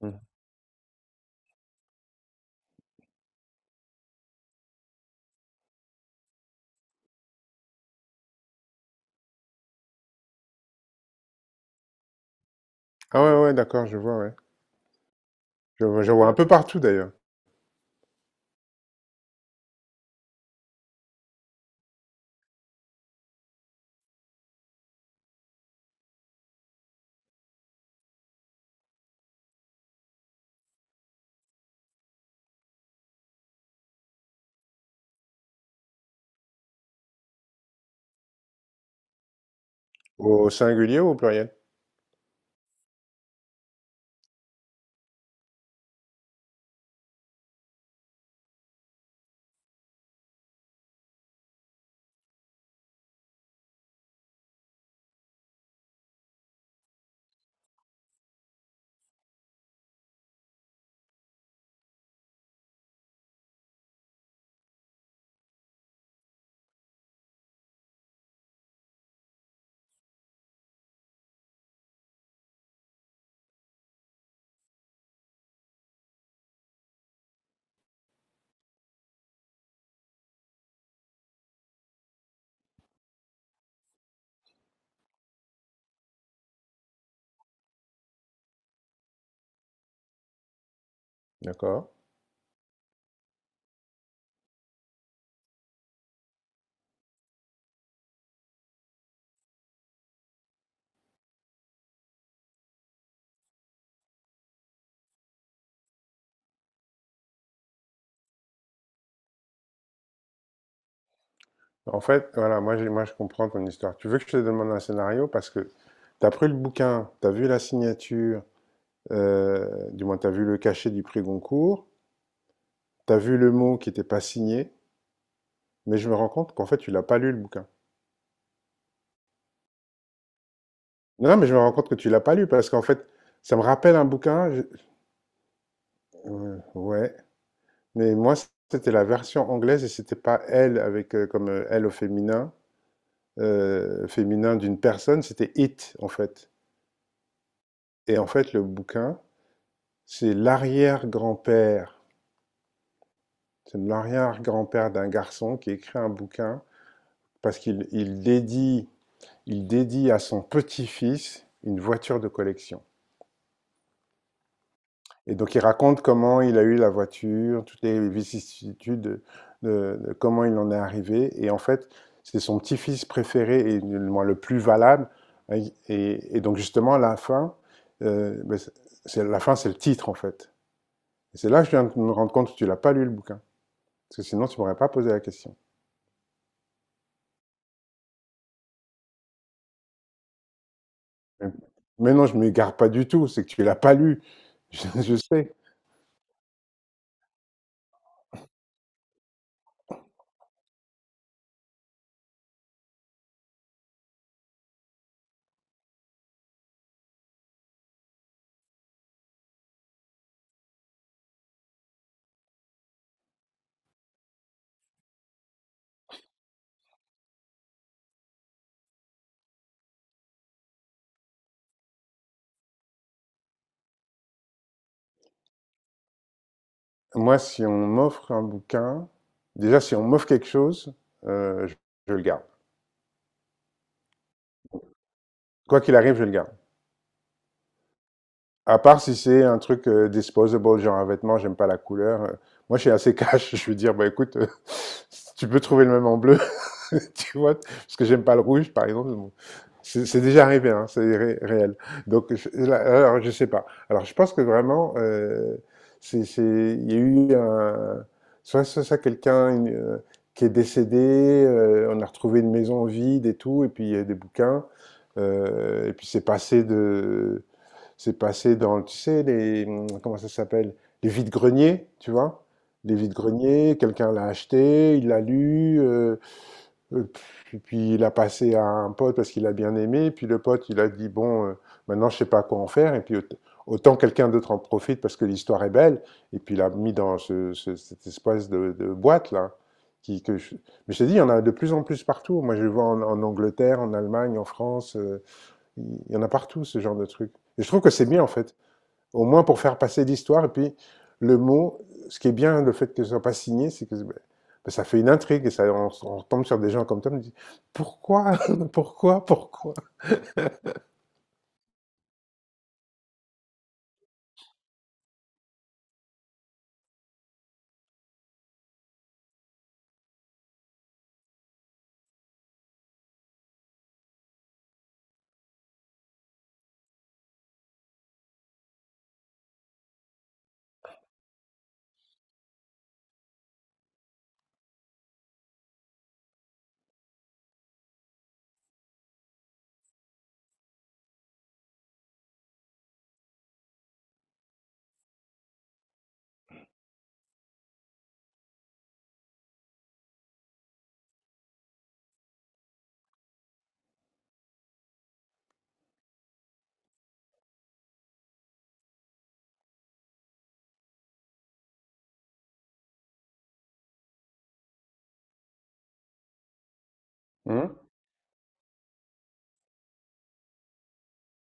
Mmh. Ah ouais, ouais, d'accord, je vois, ouais. Je vois, je vois un peu partout d'ailleurs. Au singulier ou au pluriel? D'accord. En fait, voilà, moi, moi je comprends ton histoire. Tu veux que je te demande un scénario parce que tu as pris le bouquin, tu as vu la signature, du moins tu as vu le cachet du prix Goncourt, tu as vu le mot qui n'était pas signé, mais je me rends compte qu'en fait tu l'as pas lu le bouquin. Non, non, mais je me rends compte que tu l'as pas lu parce qu'en fait ça me rappelle un bouquin. Ouais, mais moi c'était la version anglaise et c'était pas elle avec comme elle au féminin. Féminin d'une personne, c'était It, en fait. Et en fait, le bouquin, c'est l'arrière-grand-père. C'est l'arrière-grand-père d'un garçon qui écrit un bouquin parce qu'il il dédie à son petit-fils une voiture de collection. Et donc il raconte comment il a eu la voiture, toutes les vicissitudes de, de comment il en est arrivé. Et en fait, c'est son petit-fils préféré et le plus valable. Et donc justement, la fin, euh, ben, c'est, la fin, c'est le titre en fait. Et c'est là que je viens de me rendre compte que tu l'as pas lu le bouquin. Parce que sinon, tu m'aurais pas posé la question. Mais mais non, je ne m'égare pas du tout, c'est que tu l'as pas lu. Je sais. Moi, si on m'offre un bouquin, déjà, si on m'offre quelque chose, euh, je je le garde. Quoi qu'il arrive, je le garde. À part si c'est un truc disposable, genre un vêtement, j'aime pas la couleur. Moi, je suis assez cash. Je vais dire, bah écoute, si tu peux trouver le même en bleu, tu vois, parce que j'aime pas le rouge, par exemple. Bon. C'est déjà arrivé, hein, c'est réel. Donc, je sais pas. Alors, je pense que vraiment, il y a eu soit ça, soit quelqu'un qui est décédé, on a retrouvé une maison vide et tout, et puis il y a des bouquins, et puis c'est passé dans, tu sais, les, comment ça s'appelle? Les vides-greniers, tu vois? Les vides-greniers, quelqu'un l'a acheté, il l'a lu, euh, puis il l'a passé à un pote parce qu'il a bien aimé, puis le pote, il a dit, bon, maintenant je sais pas quoi en faire, et puis autant quelqu'un d'autre en profite parce que l'histoire est belle, et puis il l'a mis dans cette espèce de boîte, là. Qui, que je- Mais je te dis, il y en a de plus en plus partout. Moi, je le vois en, en Angleterre, en Allemagne, en France, il y en a partout, ce genre de truc. Et je trouve que c'est bien, en fait. Au moins pour faire passer l'histoire. Et puis, le mot, ce qui est bien, le fait que ce ne soit pas signé, c'est que ça fait une intrigue et ça, on tombe sur des gens comme toi. On me dit pourquoi, pourquoi, pourquoi. Hum.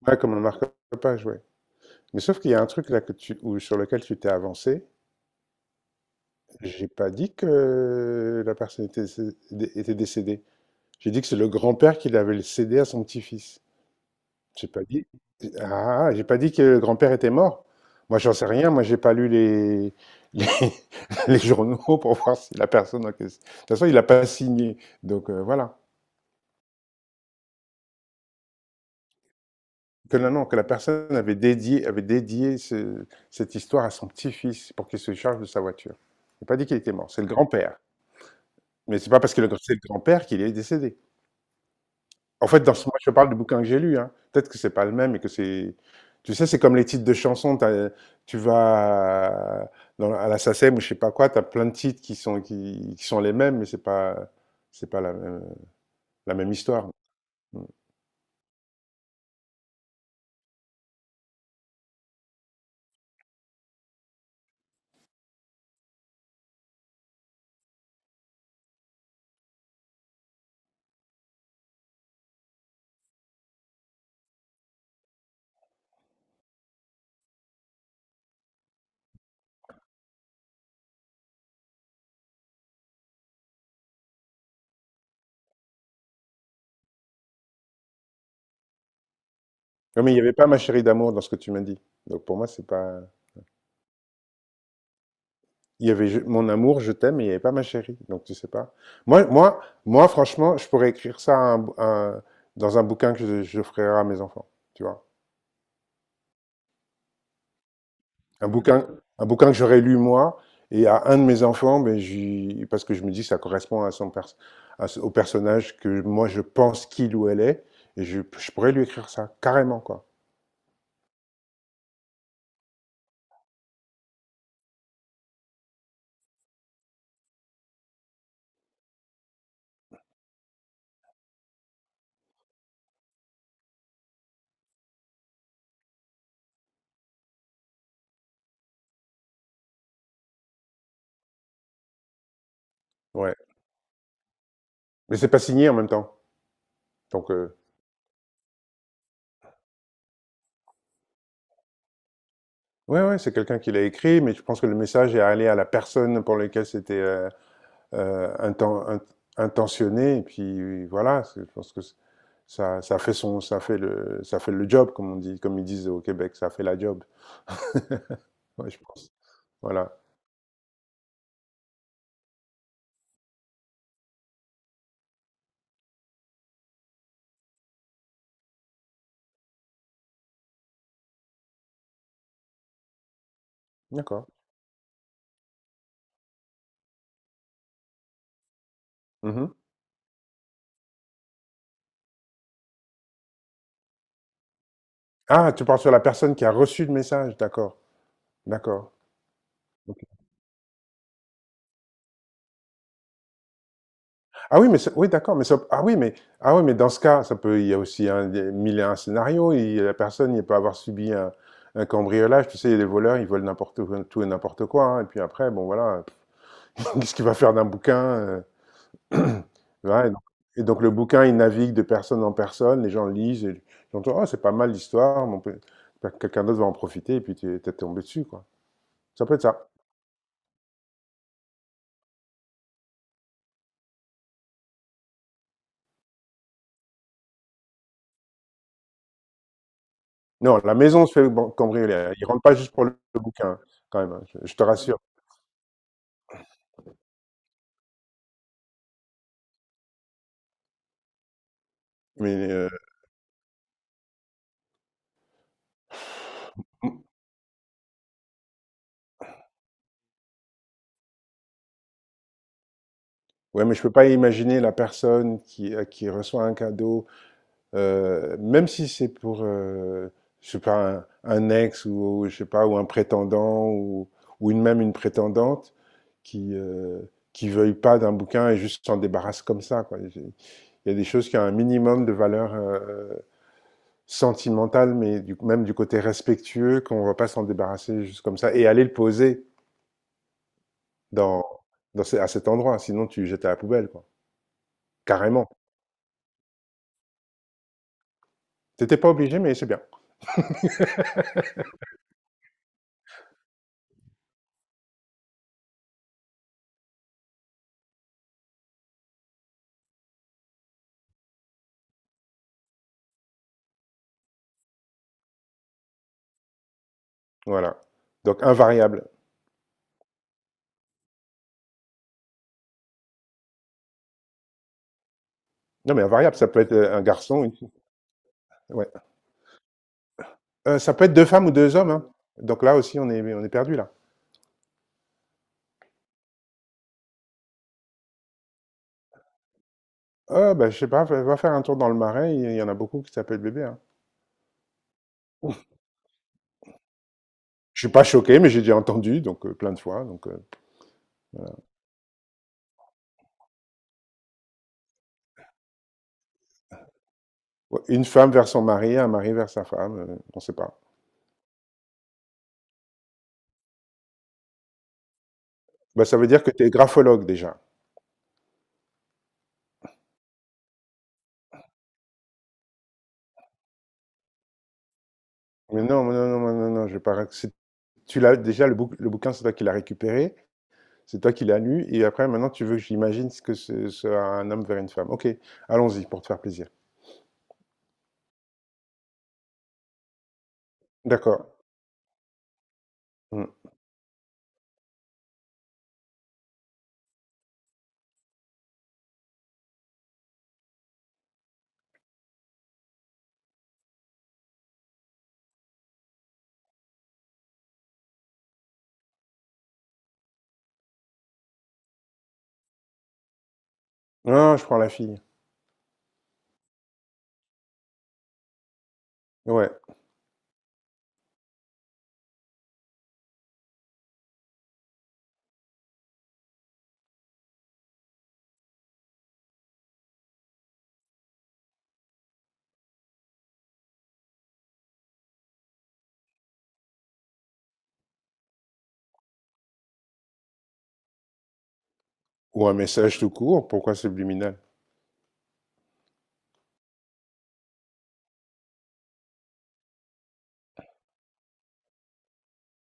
Ouais, comme on marque la page, ouais. Mais sauf qu'il y a un truc là que sur lequel tu t'es avancé. J'ai pas dit que était décédée. J'ai dit que c'est le grand-père qui l'avait cédé à son petit-fils. J'ai pas dit. Ah, j'ai pas dit que le grand-père était mort. Moi, j'en sais rien. Moi, j'ai pas lu les, les journaux pour voir si la personne en question. De toute façon, il n'a pas signé. Donc, voilà. Que non, non, que la personne avait dédié cette histoire à son petit-fils pour qu'il se charge de sa voiture. J'ai pas dit qu'il était mort. C'est le grand-père. Mais c'est pas parce que c'est le grand-père qu'il est décédé. En fait, moi, je parle du bouquin que j'ai lu. Hein. Peut-être que c'est pas le même et que c'est. Tu sais, c'est comme les titres de chansons. Tu vas à- à la SACEM ou je sais pas quoi, tu as plein de titres qui sont, qui sont les mêmes, mais c'est pas la même histoire. Mm. Non, mais il n'y avait pas ma chérie d'amour dans ce que tu m'as dit. Donc pour moi, c'est pas. Il y avait mon amour, je t'aime, mais il n'y avait pas ma chérie. Donc tu sais pas. Moi, franchement, je pourrais écrire ça à un bou- à un- dans un bouquin que je ferai à mes enfants. Tu vois. Un bouquin, un bouquin que j'aurais lu moi et à un de mes enfants, ben, parce que je me dis que ça correspond à son pers- à ce- au personnage que moi je pense qu'il ou elle est, et je pourrais lui écrire ça carrément quoi. Ouais. Mais c'est pas signé en même temps. Donc ouais, c'est quelqu'un qui l'a écrit, mais je pense que le message est allé à la personne pour laquelle c'était euh, inten- int- intentionné, et puis voilà. Je pense que ça fait le job comme on dit, comme ils disent au Québec, ça fait la job. Ouais, je pense. Voilà. D'accord. Mmh. Ah, tu parles sur la personne qui a reçu le message, d'accord, d'accord. OK. Ah oui, mais c'est oui, d'accord, mais ça ah oui, mais dans ce cas, ça peut il y a aussi un des 1001 scénarios et la personne, il peut avoir subi un cambriolage. Tu sais, les voleurs, ils volent n'importe quoi tout et n'importe quoi, hein et puis après, bon, voilà, qu'est-ce qu'il va faire d'un bouquin, heu? Ouais, donc et donc le bouquin, il navigue de personne en personne, les gens lisent et ils j'entends: «Oh, c'est pas mal l'histoire, mais on peut quelqu'un d'autre va en profiter» et puis tu es tombé dessus, quoi. Ça peut être ça. Non, la maison se fait ban cambrioler, hein. Ils rentrent pas juste pour le bouquin, quand même, hein, je te rassure. Mais, ouais, mais je peux pas imaginer la personne qui reçoit un cadeau, même si c'est pour, je sais pas, un ex ou je sais pas, ou un prétendant ou une même une prétendante qui veuille pas d'un bouquin et juste s'en débarrasse comme ça, quoi. Il y a des choses qui ont un minimum de valeur, sentimental, mais même du côté respectueux, qu'on va pas s'en débarrasser juste comme ça et aller le poser dans, dans à cet endroit. Sinon, tu le jettes à la poubelle, quoi. Carrément. T'étais pas obligé, mais c'est bien. Voilà. Donc, invariable. Non, mais invariable, ça peut être un garçon, une fille. Ouais. Ça peut être deux femmes ou deux hommes. Hein. Donc là aussi, on est perdu, là. Ah, bah, je sais pas, va faire un tour dans le marais, il y en a beaucoup qui s'appellent bébé. Hein. Je suis pas choqué, mais j'ai déjà entendu, donc plein de fois. Donc, ouais, une femme vers son mari, un mari vers sa femme, on sait pas. Bah, ça veut dire que tu es graphologue déjà. Mais non, je vais pas. Tu l'as déjà, le bouquin, c'est toi qui l'as récupéré, c'est toi qui l'as lu, et après, maintenant, tu veux que j'imagine ce que ce sera un homme vers une femme. Ok, allons-y pour te faire plaisir. D'accord. Hmm. Non, je prends la fille. Ouais. Ou un message tout court, pourquoi subliminal?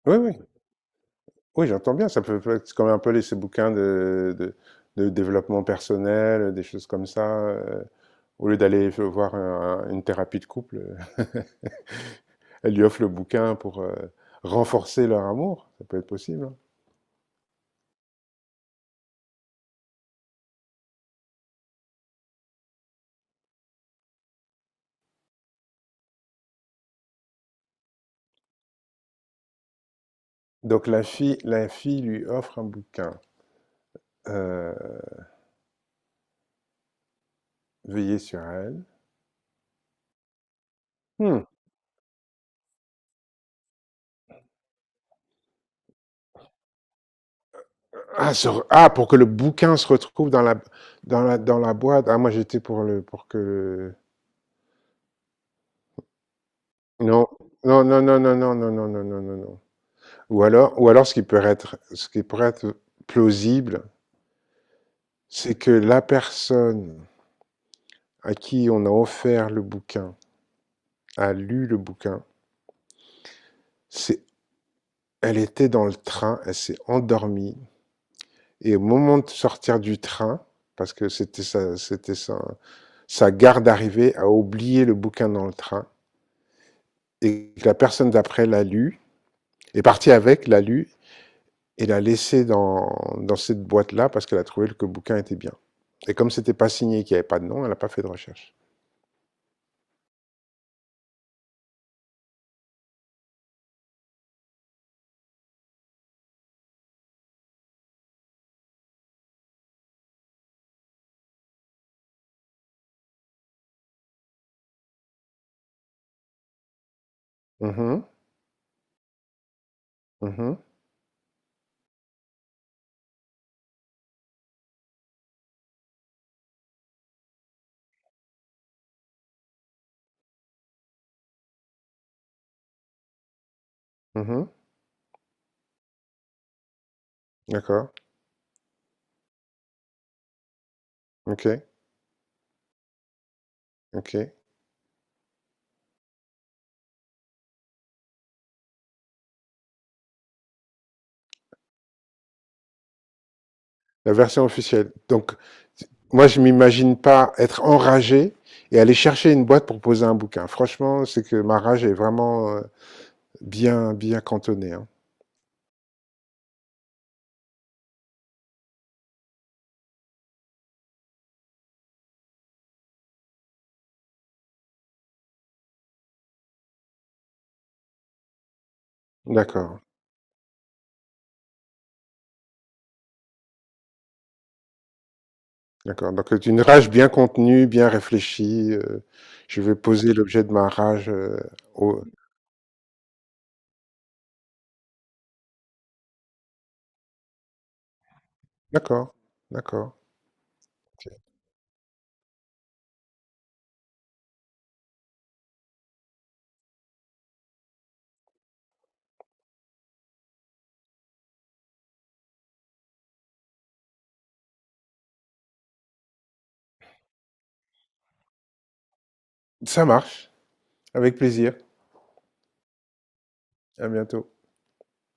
Oui, oui, oui, j'entends bien. C'est comme un peu les, ces bouquins de développement personnel, des choses comme ça. Euh, au lieu voir une thérapie de couple, elle lui offre le bouquin pour renforcer leur amour. Ça peut être possible. Hein. Donc la fille lui offre un bouquin. Euh, veillez sur elle. Hmm. Pour que le bouquin se retrouve dans la boîte. Ah, moi j'étais pour le, pour que. Non, non, non, non, non, non, non, non, non, non, non, non. Ou alors, ce qui pourrait être plausible, c'est que la personne à qui on a offert le bouquin a lu le bouquin, s'est elle était dans le train, elle s'est endormie et au moment de sortir du train, parce que c'était sa garde d'arrivée, a oublié le bouquin dans le train et la personne d'après l'a lu, est partie avec, l'a lu et l'a laissé dans cette boîte-là parce qu'elle a trouvé que le bouquin était bien. Et comme c'était pas signé, qu'il n'y avait pas de nom, elle n'a pas fait de recherche. Mhm, mhm, mhm. D'accord. Ok, ok. La version officielle. Donc, moi, je m'imagine pas être enragé et aller chercher une boîte pour poser un bouquin. Franchement, c'est que ma rage est vraiment bien cantonnée. Hein. D'accord, d'accord. Donc, c'est une rage bien contenue, bien réfléchie. Euh, je vais poser l'objet de ma rage. Euh, au... D'accord, d'accord. Ça marche. Avec plaisir. À bientôt.